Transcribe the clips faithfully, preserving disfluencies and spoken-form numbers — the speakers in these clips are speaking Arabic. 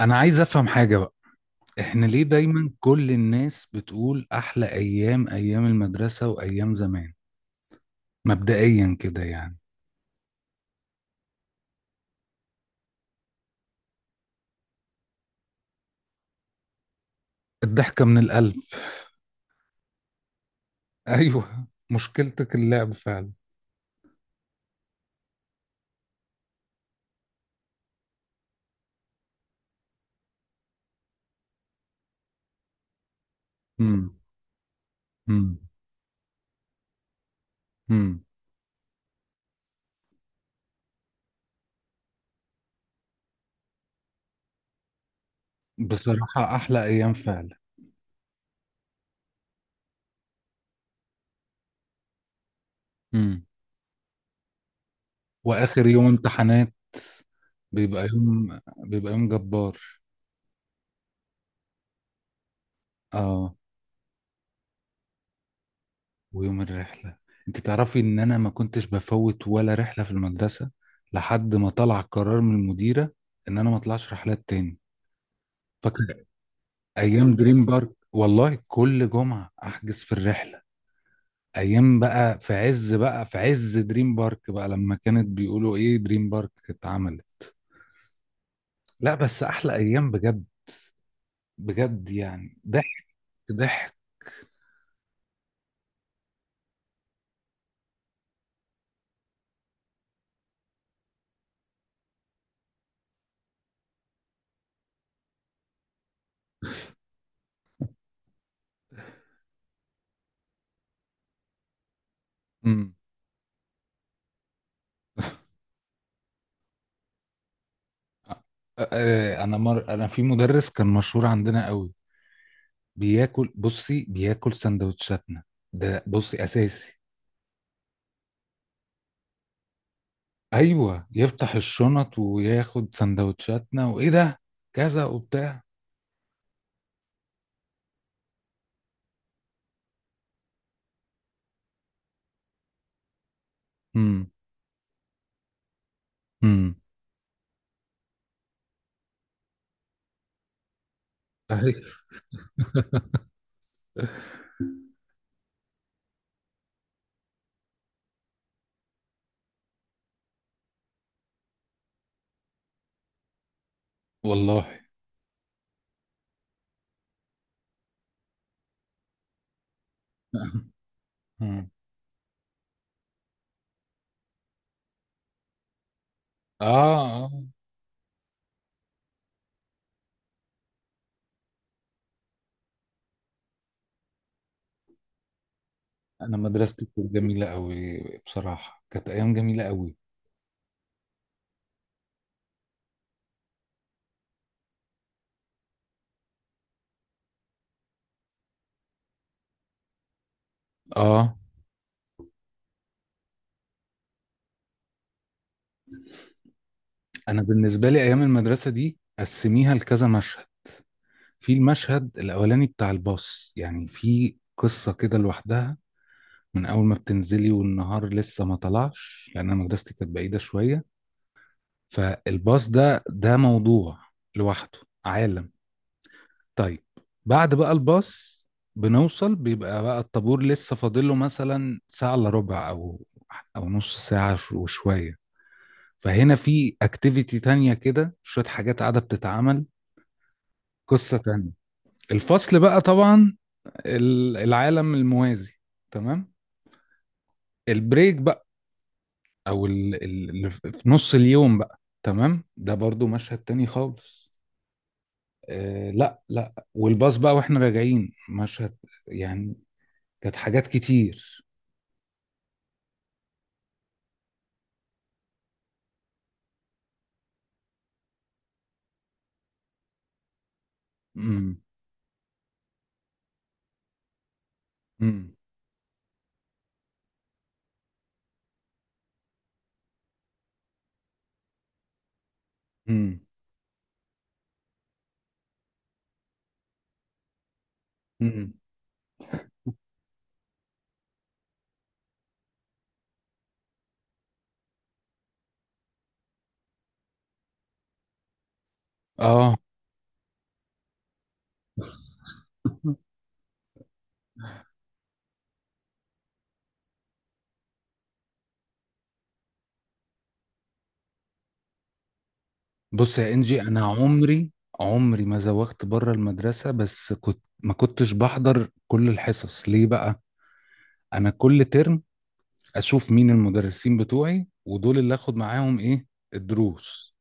انا عايز افهم حاجة بقى. احنا ليه دايما كل الناس بتقول احلى ايام، ايام المدرسة وايام زمان؟ مبدئيا كده يعني. الضحكة من القلب. ايوه، مشكلتك اللعب فعلا. امم. امم. امم. بصراحة احلى ايام فعلا. امم. واخر يوم امتحانات بيبقى يوم بيبقى يوم جبار. اه. ويوم الرحلة. انت تعرفي ان انا ما كنتش بفوت ولا رحلة في المدرسة لحد ما طلع قرار من المديرة ان انا ما اطلعش رحلات تاني. فاكر ايام دريم بارك، والله كل جمعة احجز في الرحلة. ايام بقى في عز بقى في عز دريم بارك بقى، لما كانت بيقولوا ايه دريم بارك اتعملت. لا، بس احلى ايام بجد. بجد يعني ضحك. ضحك. امم. أ- أ- انا مر... انا في مدرس كان مشهور عندنا قوي، بياكل بصي، بياكل سندوتشاتنا. ده بصي اساسي. ايوه، يفتح الشنط وياخد سندوتشاتنا وايه ده كذا وبتاع. امم. امم. أيوة. والله. مم. آه. اه. انا مدرستي كانت جميله قوي. بصراحه كانت ايام جميله قوي. اه. انا بالنسبه لي ايام المدرسه دي قسميها لكذا مشهد. في المشهد الاولاني بتاع الباص، يعني في قصه كده لوحدها. من اول ما بتنزلي والنهار لسه ما طلعش، لان انا مدرستي كانت بعيده شويه. فالباص ده ده موضوع لوحده، عالم. طيب. بعد بقى الباص بنوصل، بيبقى بقى الطابور لسه فاضله مثلا ساعه الا ربع او او نص ساعه ش- وشويه. فهنا في اكتيفيتي تانية كده، شويه حاجات قاعده بتتعمل. قصه تانية. الفصل بقى طبعا، ال- العالم الموازي. تمام. البريك بقى، او ال- ال- اللي في في نص اليوم بقى، تمام. ده برضو مشهد تاني خالص. آه لا لا، والباص بقى واحنا راجعين مشهد، يعني كانت حاجات كتير. امم. امم. امم. امم. اه. بص يا انجي، انا عمري عمري ما زوغت بره المدرسه، بس كنت ما كنتش بحضر كل الحصص. ليه بقى؟ انا كل ترم اشوف مين المدرسين بتوعي ودول اللي اخد معاهم ايه الدروس.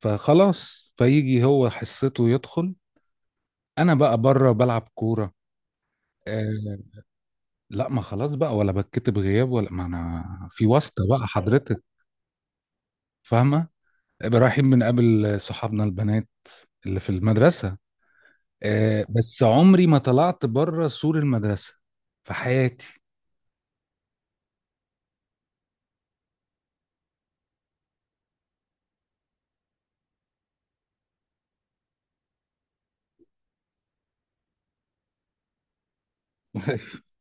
فخلاص، فيجي هو حصته يدخل، انا بقى بره بلعب كوره. آه لا، ما خلاص بقى ولا بتكتب غياب، ولا ما انا في واسطه بقى حضرتك. فاهمه. رايحين بنقابل صحابنا البنات اللي في المدرسه. آه بس عمري ما طلعت بره سور المدرسه في حياتي.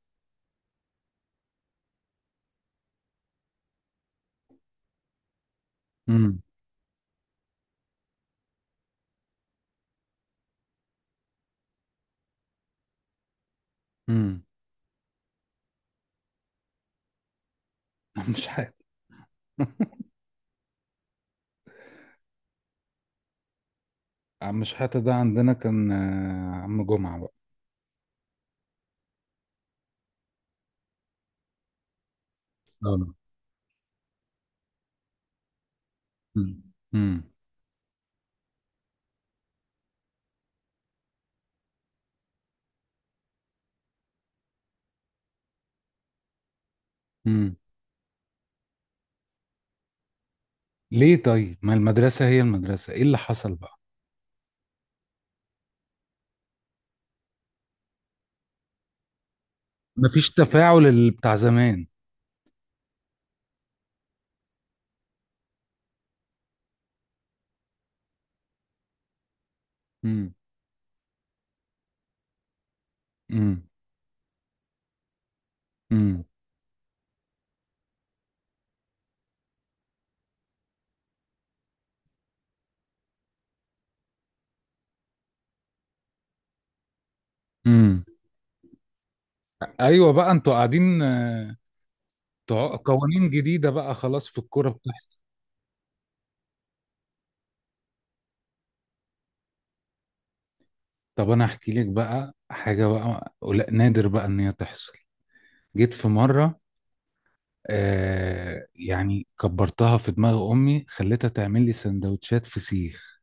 امم. امم. عم شحاته. عم شحاته ده عندنا كان آه، عم جمعه بقى. اه. امم. امم. أمم. ليه طيب؟ ما المدرسه هي المدرسه، ايه اللي حصل بقى؟ مفيش تفاعل ال- بتاع زمان. امم. امم. امم. امم. ايوه بقى، انتوا قاعدين آه، تع- قوانين جديده بقى، خلاص في الكوره بتحصل. طب انا احكي لك بقى حاجه بقى قل- نادر بقى ان هي تحصل. جيت في مره آه يعني كبرتها في دماغ امي، خليتها تعمل لي سندوتشات فسيخ.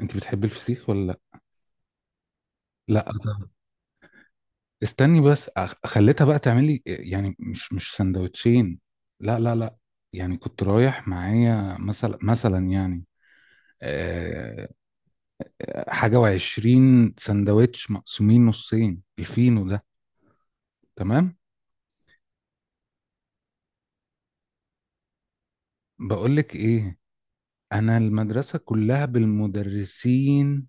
انت بتحبي الفسيخ ولا؟ لا لا. استني بس، أخ- خليتها بقى تعمل لي يعني، مش مش سندوتشين. لا لا لا. يعني كنت رايح معايا مثلا مثلا يعني، آه، حاجة وعشرين سندوتش مقسومين نصين الفينو ده. تمام. بقولك ايه، انا المدرسة كلها بالمدرسين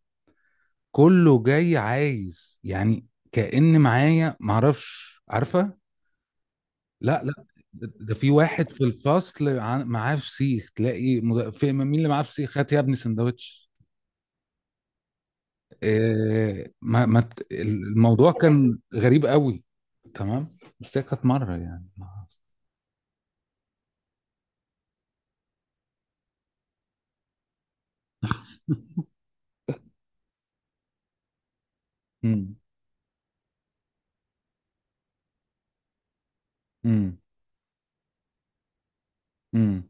كله جاي عايز يعني، كأن معايا معرفش عارفة. لا لا. ده في واحد في الفصل عن- معاه فسيخ، تلاقي مد- في مين اللي معاه فسيخ، هات يا ابني سندوتش. إيه، ما ما ت- الموضوع كان غريب قوي. تمام، بس هي كانت مره يعني. امم. امم. امم.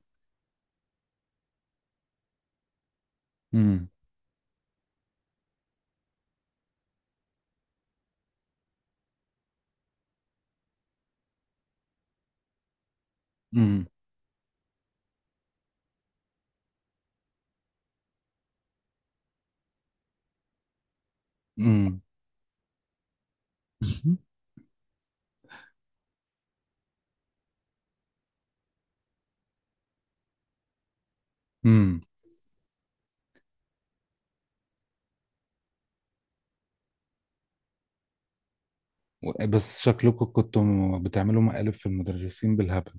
امم. امم. امم. امم. بس شكلكم كنتوا بتعملوا مقالب في المدرسين بالهبل.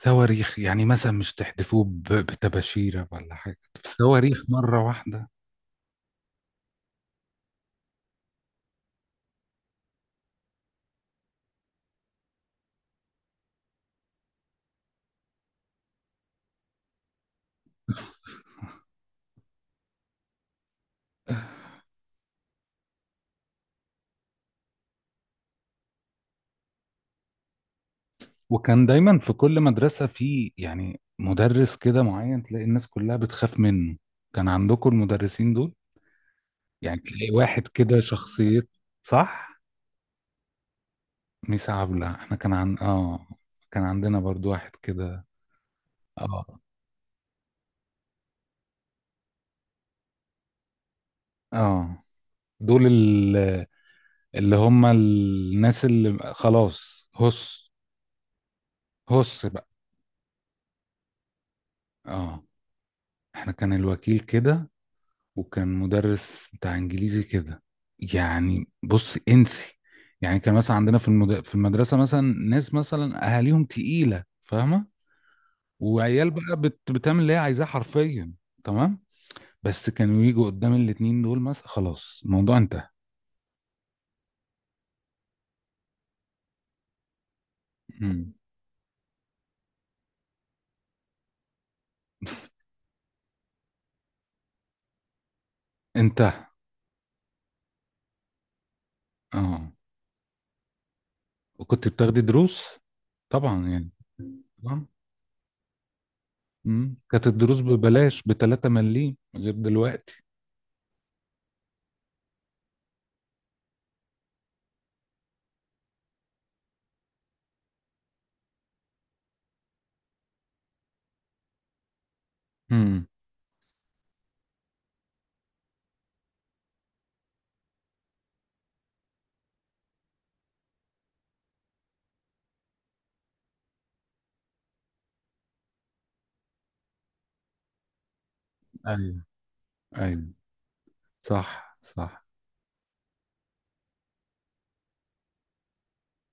صواريخ؟ يعني مثلا مش تحدفوه ب- بتباشيره ولا حاجه؟ صواريخ مره واحده. وكان دايما في كل مدرسة في يعني مدرس كده معين تلاقي الناس كلها بتخاف منه. كان عندكم المدرسين دول؟ يعني تلاقي واحد كده شخصية. صح. ميس عبلة احنا كان عن اه كان عندنا برضو واحد كده. اه. اه. دول ال- اللي هم الناس اللي خلاص هس. هس بقى. اه. احنا كان الوكيل كده، وكان مدرس بتاع انجليزي كده، يعني بص انسي. يعني كان مثلا عندنا في المد... في المدرسه مثلا ناس مثلا اهاليهم تقيله، فاهمه؟ وعيال بقى بت... بتعمل اللي هي عايزاه حرفيا. تمام. بس كانوا يجوا قدام الاتنين دول مثلا، خلاص الموضوع انتهى. مم. انتهى. اه. وكنت بتاخدي دروس؟ طبعا يعني. طبعا. مم. كانت الدروس ببلاش ب ثلاثة مليم غير دلوقتي. امم. ايوه ايوه. صح صح.